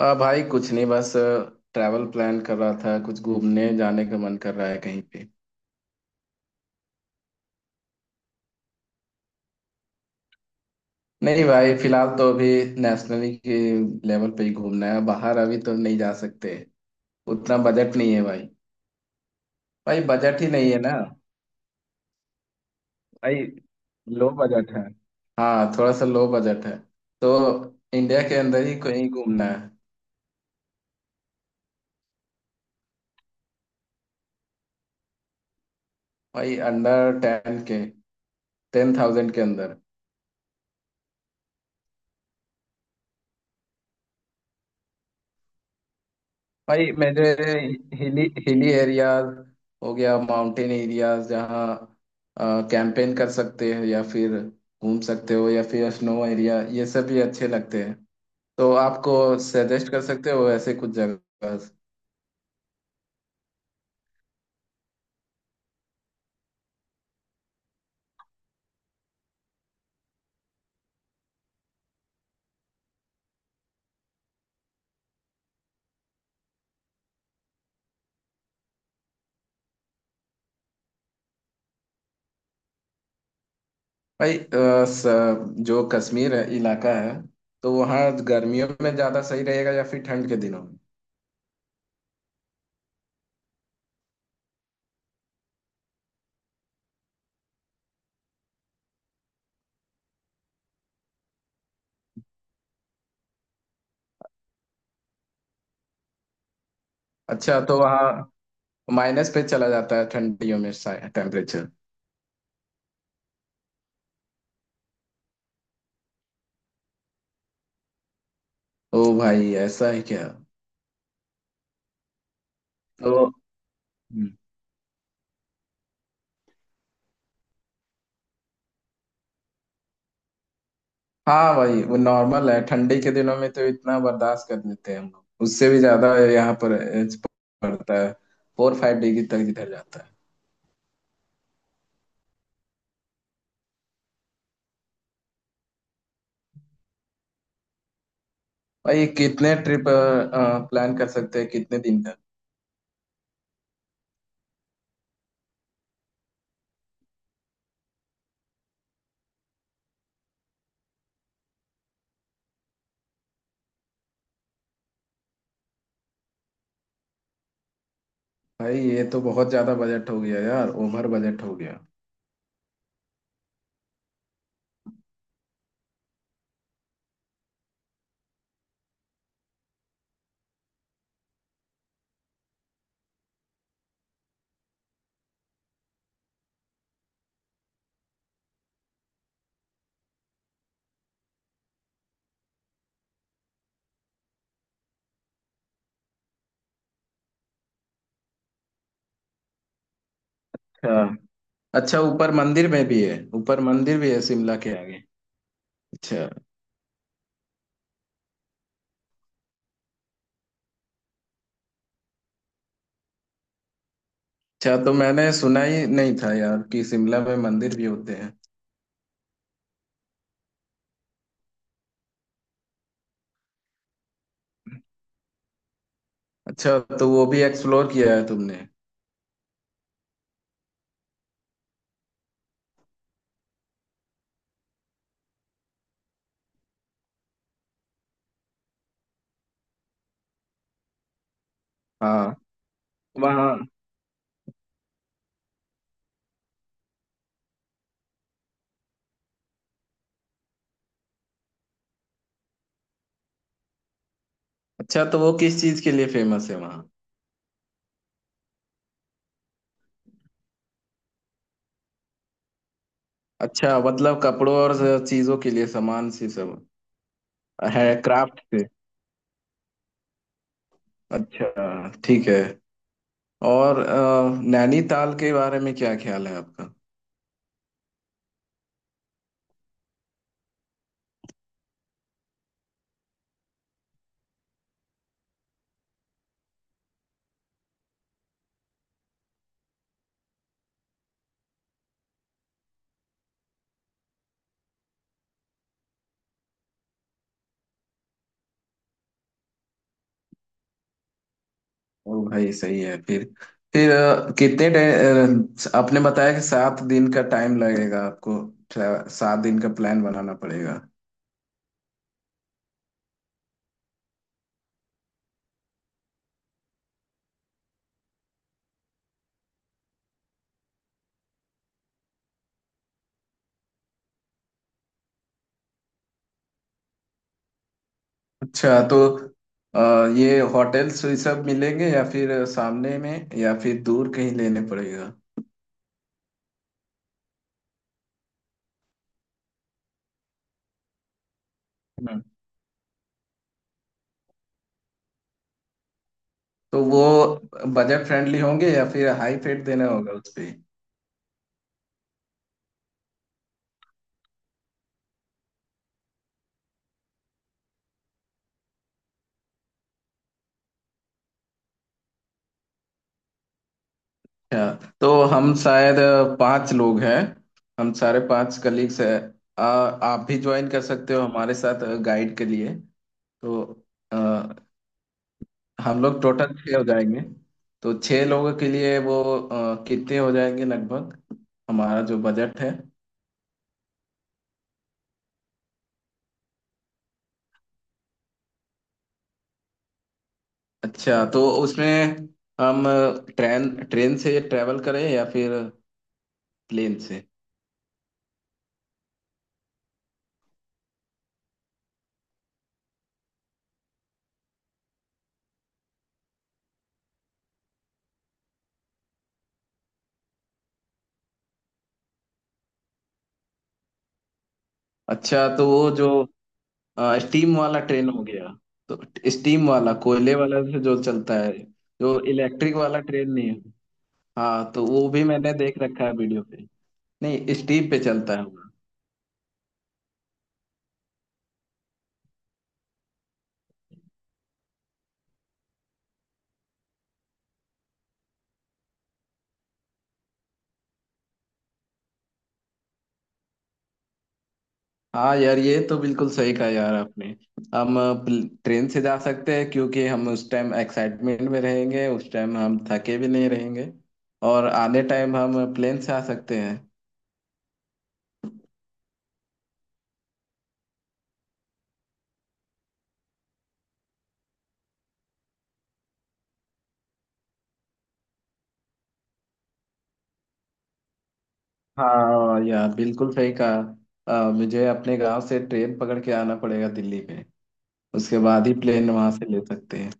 आ भाई कुछ नहीं, बस ट्रैवल प्लान कर रहा था, कुछ घूमने जाने का मन कर रहा है कहीं पे। नहीं भाई, फिलहाल तो अभी नेशनली के लेवल पे ही घूमना है, बाहर अभी तो नहीं जा सकते। उतना बजट नहीं है भाई। भाई बजट ही नहीं है ना। भाई लो बजट है। हाँ थोड़ा सा लो बजट है, तो इंडिया के अंदर ही कहीं घूमना है। भाई अंडर टेन के, 10,000 के अंदर। भाई मेरे हिली हिली एरियाज हो गया, माउंटेन एरियाज जहाँ कैंपेन कर सकते हैं, या फिर घूम सकते हो, या फिर स्नो एरिया, ये सब भी अच्छे लगते हैं। तो आपको सजेस्ट कर सकते हो ऐसे कुछ जगह। भाई जो कश्मीर है इलाका है, तो वहाँ गर्मियों में ज़्यादा सही रहेगा या फिर ठंड के दिनों में। अच्छा, तो वहाँ माइनस पे चला जाता है ठंडियों में टेम्परेचर। ओ भाई, ऐसा है क्या। तो हाँ भाई वो नॉर्मल है, ठंडी के दिनों में तो इतना बर्दाश्त कर लेते हैं हम लोग, उससे भी ज्यादा यहाँ पर पड़ता है। फोर फाइव डिग्री तक इधर जाता है। भाई कितने ट्रिप प्लान कर सकते हैं, कितने दिन का। भाई ये तो बहुत ज्यादा बजट हो गया यार, ओवर बजट हो गया। अच्छा। ऊपर मंदिर भी है शिमला के आगे। अच्छा। अच्छा, तो मैंने सुना ही नहीं था यार कि शिमला में मंदिर भी होते हैं। अच्छा, तो वो भी एक्सप्लोर किया है तुमने। हाँ वहाँ। अच्छा, तो वो किस चीज के लिए फेमस है वहाँ। अच्छा मतलब कपड़ों और चीजों के लिए, सामान से सब है, क्राफ्ट से। अच्छा, ठीक है। और नैनीताल के बारे में क्या ख्याल है आपका। ओ भाई, सही है। फिर आपने बताया कि 7 दिन का टाइम लगेगा आपको। 7 दिन का प्लान बनाना पड़ेगा। अच्छा, तो अ, ये होटल्स ये सब मिलेंगे, या फिर सामने में या फिर दूर कहीं लेने पड़ेगा। तो वो बजट फ्रेंडली होंगे या फिर हाई फेट देना होगा उस पे। अच्छा, तो हम शायद 5 लोग हैं, हम सारे 5 कलीग्स हैं। आप भी ज्वाइन कर सकते हो हमारे साथ गाइड के लिए। तो अ, हम लोग टोटल 6 हो जाएंगे। तो 6 लोगों के लिए वो कितने हो जाएंगे लगभग, हमारा जो बजट है। अच्छा, तो उसमें हम ट्रेन ट्रेन से ट्रेवल करें या फिर प्लेन से। अच्छा, तो वो जो स्टीम वाला ट्रेन हो गया, तो स्टीम वाला, कोयले वाला से जो चलता है, जो इलेक्ट्रिक वाला ट्रेन नहीं है। हाँ तो वो भी मैंने देख रखा है वीडियो पे, नहीं स्टीम पे चलता है वो। हाँ यार ये तो बिल्कुल सही कहा यार आपने। हम ट्रेन से जा सकते हैं, क्योंकि हम उस टाइम एक्साइटमेंट में रहेंगे, उस टाइम हम थके भी नहीं रहेंगे। और आधे टाइम हम प्लेन से आ सकते हैं। हाँ यार, बिल्कुल सही कहा। मुझे अपने गांव से ट्रेन पकड़ के आना पड़ेगा दिल्ली में, उसके बाद ही प्लेन वहां से ले सकते हैं।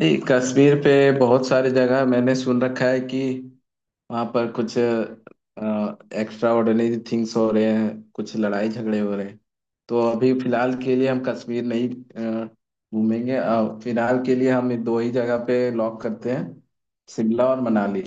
नहीं, कश्मीर पे बहुत सारी जगह मैंने सुन रखा है कि वहां पर कुछ एक्स्ट्रा ऑर्डिनरी थिंग्स हो रहे हैं, कुछ लड़ाई झगड़े हो रहे हैं। तो अभी फिलहाल के लिए हम कश्मीर नहीं अ, घूमेंगे। फिलहाल के लिए हम ये दो ही जगह पे लॉक करते हैं, शिमला और मनाली।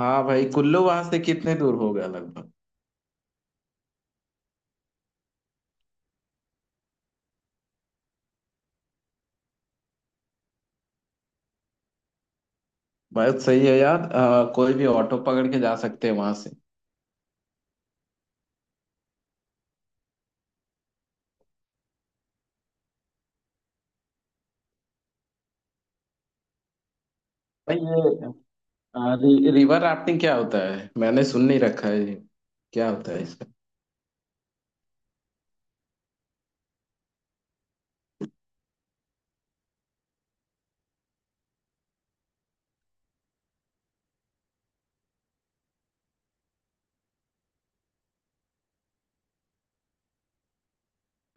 हाँ भाई, कुल्लू वहां से कितने दूर होगा लगभग। बहुत सही है यार। कोई भी ऑटो पकड़ के जा सकते हैं वहां से। भाई ये रिवर राफ्टिंग क्या होता है, मैंने सुन नहीं रखा है ये। क्या होता है इसका।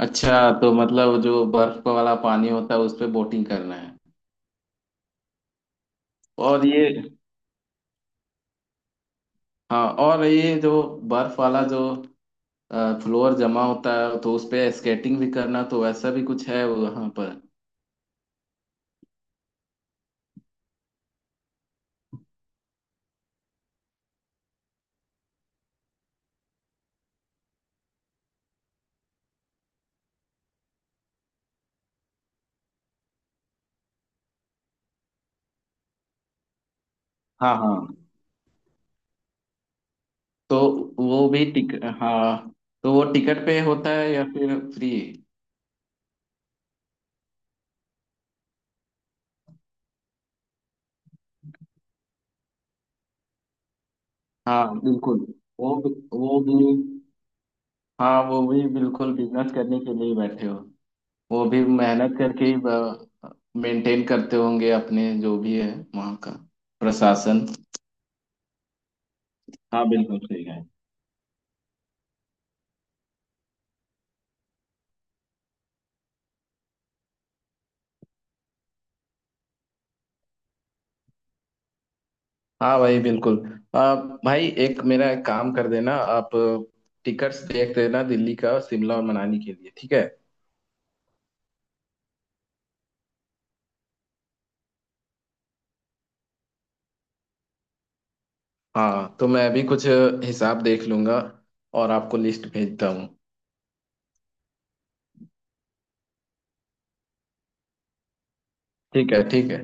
अच्छा, तो मतलब जो बर्फ वाला पानी होता है उस पे बोटिंग करना है। और ये हाँ, और ये जो बर्फ वाला जो फ्लोर जमा होता है, तो उस पे स्केटिंग भी करना, तो वैसा भी कुछ है वहां पर। हाँ हाँ। तो वो भी टिक हाँ, तो वो टिकट पे होता है या फिर फ्री। हाँ बिल्कुल। वो भी। हाँ वो भी बिल्कुल बिजनेस करने के लिए ही बैठे हो। वो भी मेहनत करके ही मेंटेन करते होंगे, अपने जो भी है, वहाँ का प्रशासन। हाँ बिल्कुल सही है। हाँ भाई बिल्कुल। भाई, एक मेरा एक काम कर देना आप, टिकट्स देख देना दिल्ली का, शिमला और मनाली के लिए ठीक है। हाँ तो मैं भी कुछ हिसाब देख लूंगा और आपको लिस्ट भेजता हूँ। ठीक है, ठीक है।